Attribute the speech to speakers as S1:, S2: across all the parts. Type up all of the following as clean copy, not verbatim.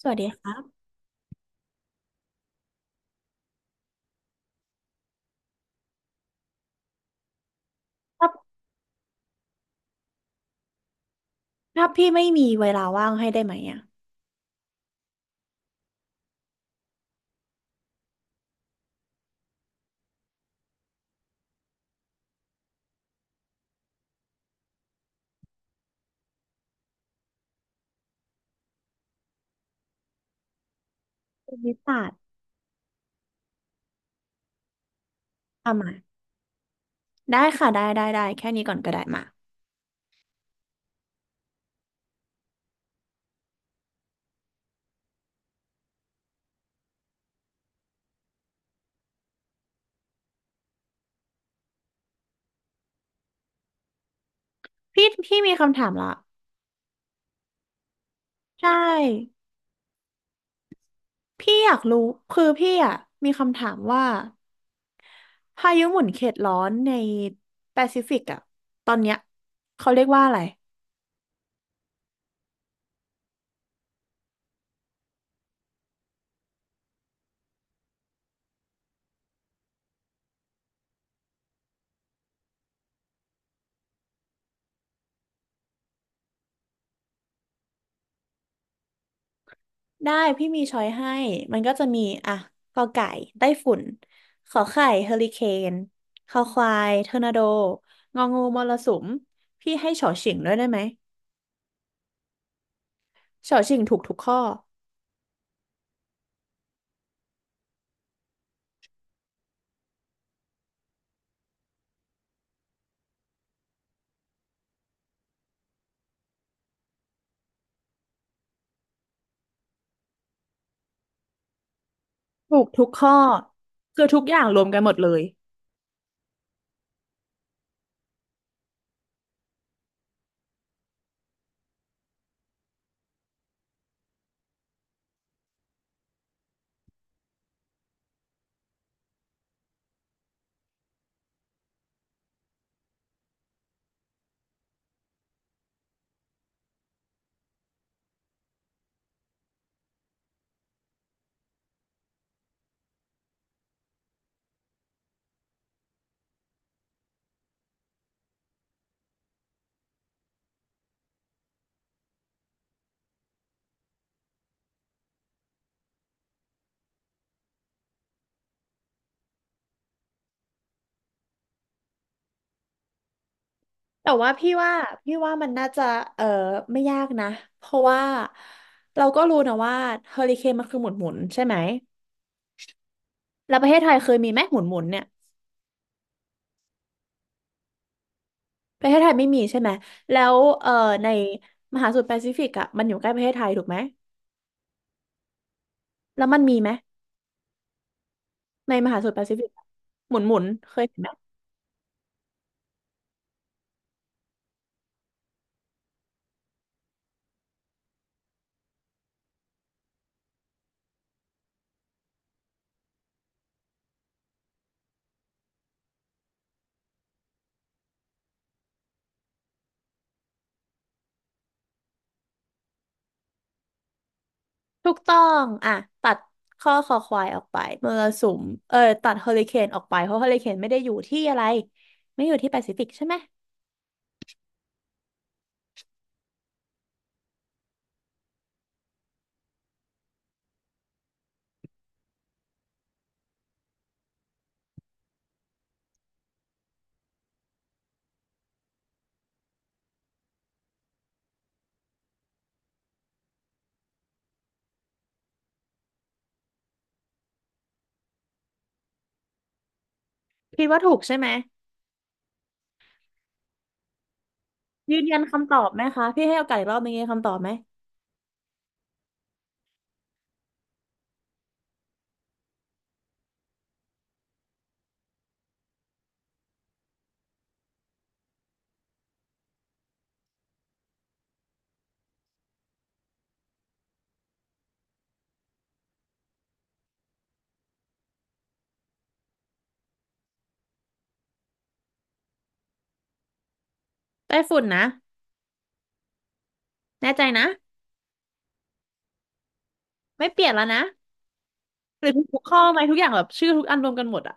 S1: สวัสดีครับถ้าถ้าพี่ไม่มีเวลาว่างให้ได้ไหมอ่ะภูมิศาสตร์อ่ะมาได้ค่ะได้ได้ได้แค่นี้ก่อนก็ได้มา พี่มีคำถามละใช่ พี่อยากรู้คือพี่อ่ะมีคำถามว่าพายุหมุนเขตร้อนในแปซิฟิกอ่ะตอนเนี้ยเขาเรียกว่าอะไรได้พี่มีช้อยให้มันก็จะมีอ่ะกอไก่ไต้ฝุ่นขอไข่เฮอริเคนคอควายทอร์นาโดงองูมรสุมพี่ให้ฉอเฉียงด้วยได้ไหม เฉาชิงถูกทุกข้อถูกทุกข้อคือทุกอย่างรวมกันหมดเลยแต่ว่าพี่ว่ามันน่าจะเออไม่ยากนะเพราะว่าเราก็รู้นะว่าเฮอริเคนมันคือหมุนหมุนใช่ไหมแล้วประเทศไทยเคยมีไหมหมุนหมุนเนี่ยประเทศไทยไม่มีใช่ไหมแล้วเออในมหาสมุทรแปซิฟิกอ่ะมันอยู่ใกล้ประเทศไทยถูกไหมแล้วมันมีไหมในมหาสมุทรแปซิฟิกอะหมุนหมุนเคยเห็น ถูกต้องอ่ะตัดข้อคอควายออกไปมรสุมเออตัดเฮอริเคนออกไปเพราะเฮอริเคนไม่ได้อยู่ที่อะไรไม่อยู่ที่แปซิฟิกใช่ไหมคิดว่าถูกใช่ไหมยืนยันคำตอบไหมคะพี่ให้โอกาสอีกรอบนึงยืนยันคำตอบไหมไต้ฝุ่นนะแน่ใจนะไม่เปลี่ยนแล้วนะหรือทุกข้อไหมทุกอย่างแบบชื่อทุกอันรวมกันหมดอะ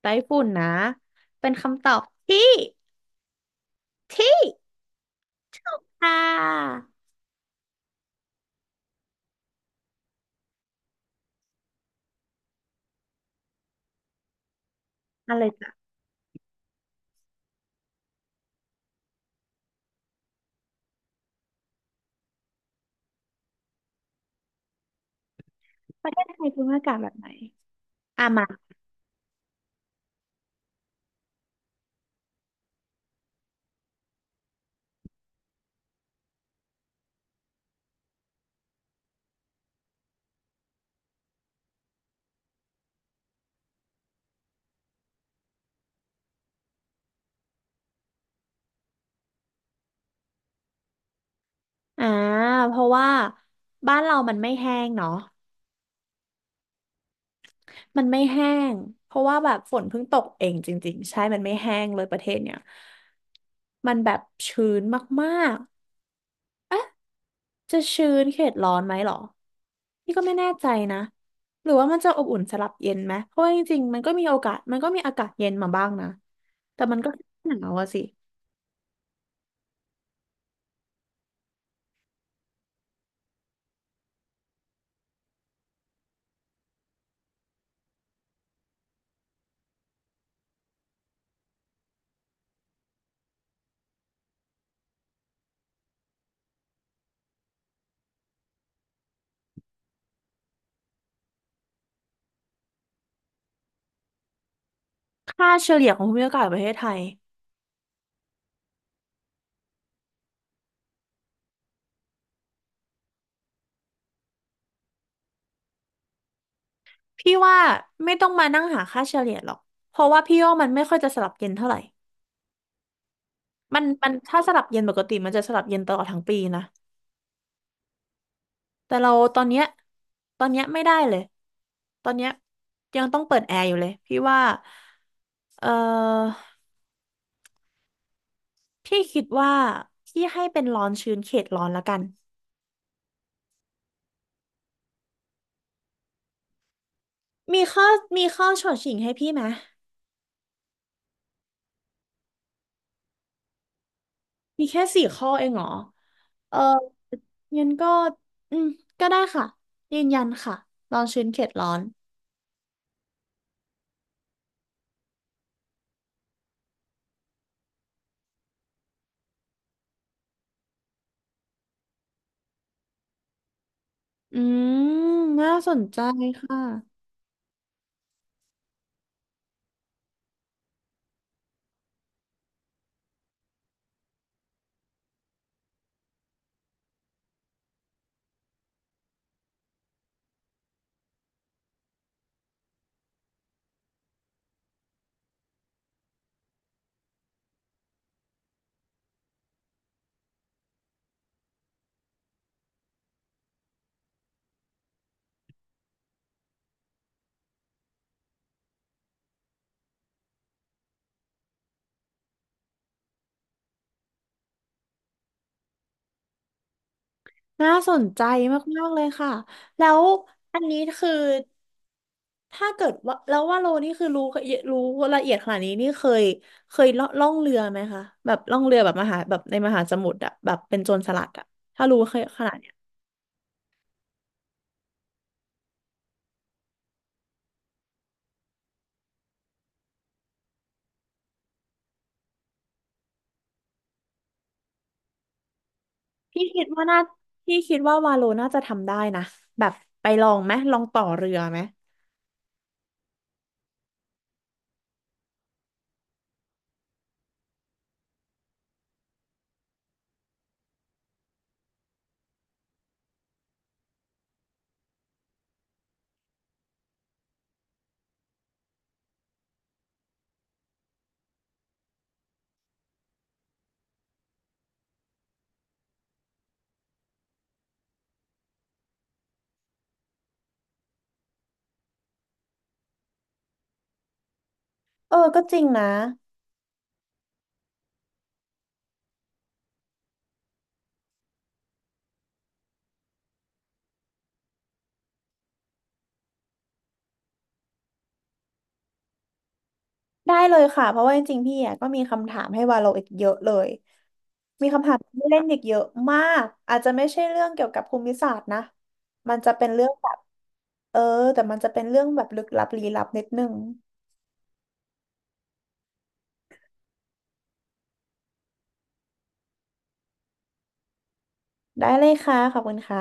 S1: ไต้ฝุ่นนะเป็นคำตอบที่ที่อ่าอะไรจ้ะประเทศไทยภูมิอากาศแบบไหนอ่ะมาอ่าเพราะว่าบ้านเรามันไม่แห้งเนาะ มันไม่แห้งเพราะว่าแบบฝนเพิ่งตกเองจริงๆใช่มันไม่แห้งเลยประเทศเนี่ยมันแบบชื้นมากๆจะชื้นเขตร้อนไหมหรอนี่ก็ไม่แน่ใจนะหรือว่ามันจะอบอุ่นสลับเย็นไหมเพราะว่าจริงๆมันก็มีโอกาสมันก็มีอากาศเย็นมาบ้างนะแต่มันก็หนาวอะสิค่าเฉลี่ยของภูมิอากาศประเทศไทยพี่ว่าไม่ต้องมานั่งหาค่าเฉลี่ยหรอกเพราะว่าพี่ว่ามันไม่ค่อยจะสลับเย็นเท่าไหร่มันถ้าสลับเย็นปกติมันจะสลับเย็นตลอดทั้งปีนะ แต่เราตอนเนี้ยตอนเนี้ยไม่ได้เลย ตอนเนี้ยยังต้องเปิดแอร์อยู่เลยพี่ว่า เออพี่คิดว่าพี่ให้เป็นร้อนชื้นเขตร้อนละกันมีข้อมีข้อฉดฉิงให้พี่ไหมมีแค่สี่ข้อเองเหรอเอองั้นก็อืมก็ได้ค่ะยืนยันค่ะร้อนชื้นเขตร้อนอืมน่าสนใจค่ะน่าสนใจมากๆเลยค่ะแล้วอันนี้คือ ถ้าเกิดว่าแล้วว่าโลนี่คือรู้ละเอียดขนาดนี้นี่เคยเคยล่องเรือไหมคะแบบล่องเรือแบบมหาแบบในมหาสมุทรอะแบบเป็นโจรสลัดอะถ้ารู้เคยขนาดเนี้ยพี่คิดว่าน่าพี่คิดว่าวาโลน่าจะทำได้นะแบบไปลองไหมลองต่อเรือไหมเออก็จริงนะ ได้เลยค่ะเพราะว่าจริงๆพี่อ่ะก็มีคำถามให้วาโลอีกเยอะเลยมีคำถามที่เล่นอีกเยอะมากอาจจะไม่ใช่เรื่องเกี่ยวกับภูมิศาสตร์นะมันจะเป็นเรื่องแบบเออแต่มันจะเป็นเรื่องแบบลึกลับลี้ลับนิดนึงได้เลยค่ะขอบคุณค่ะ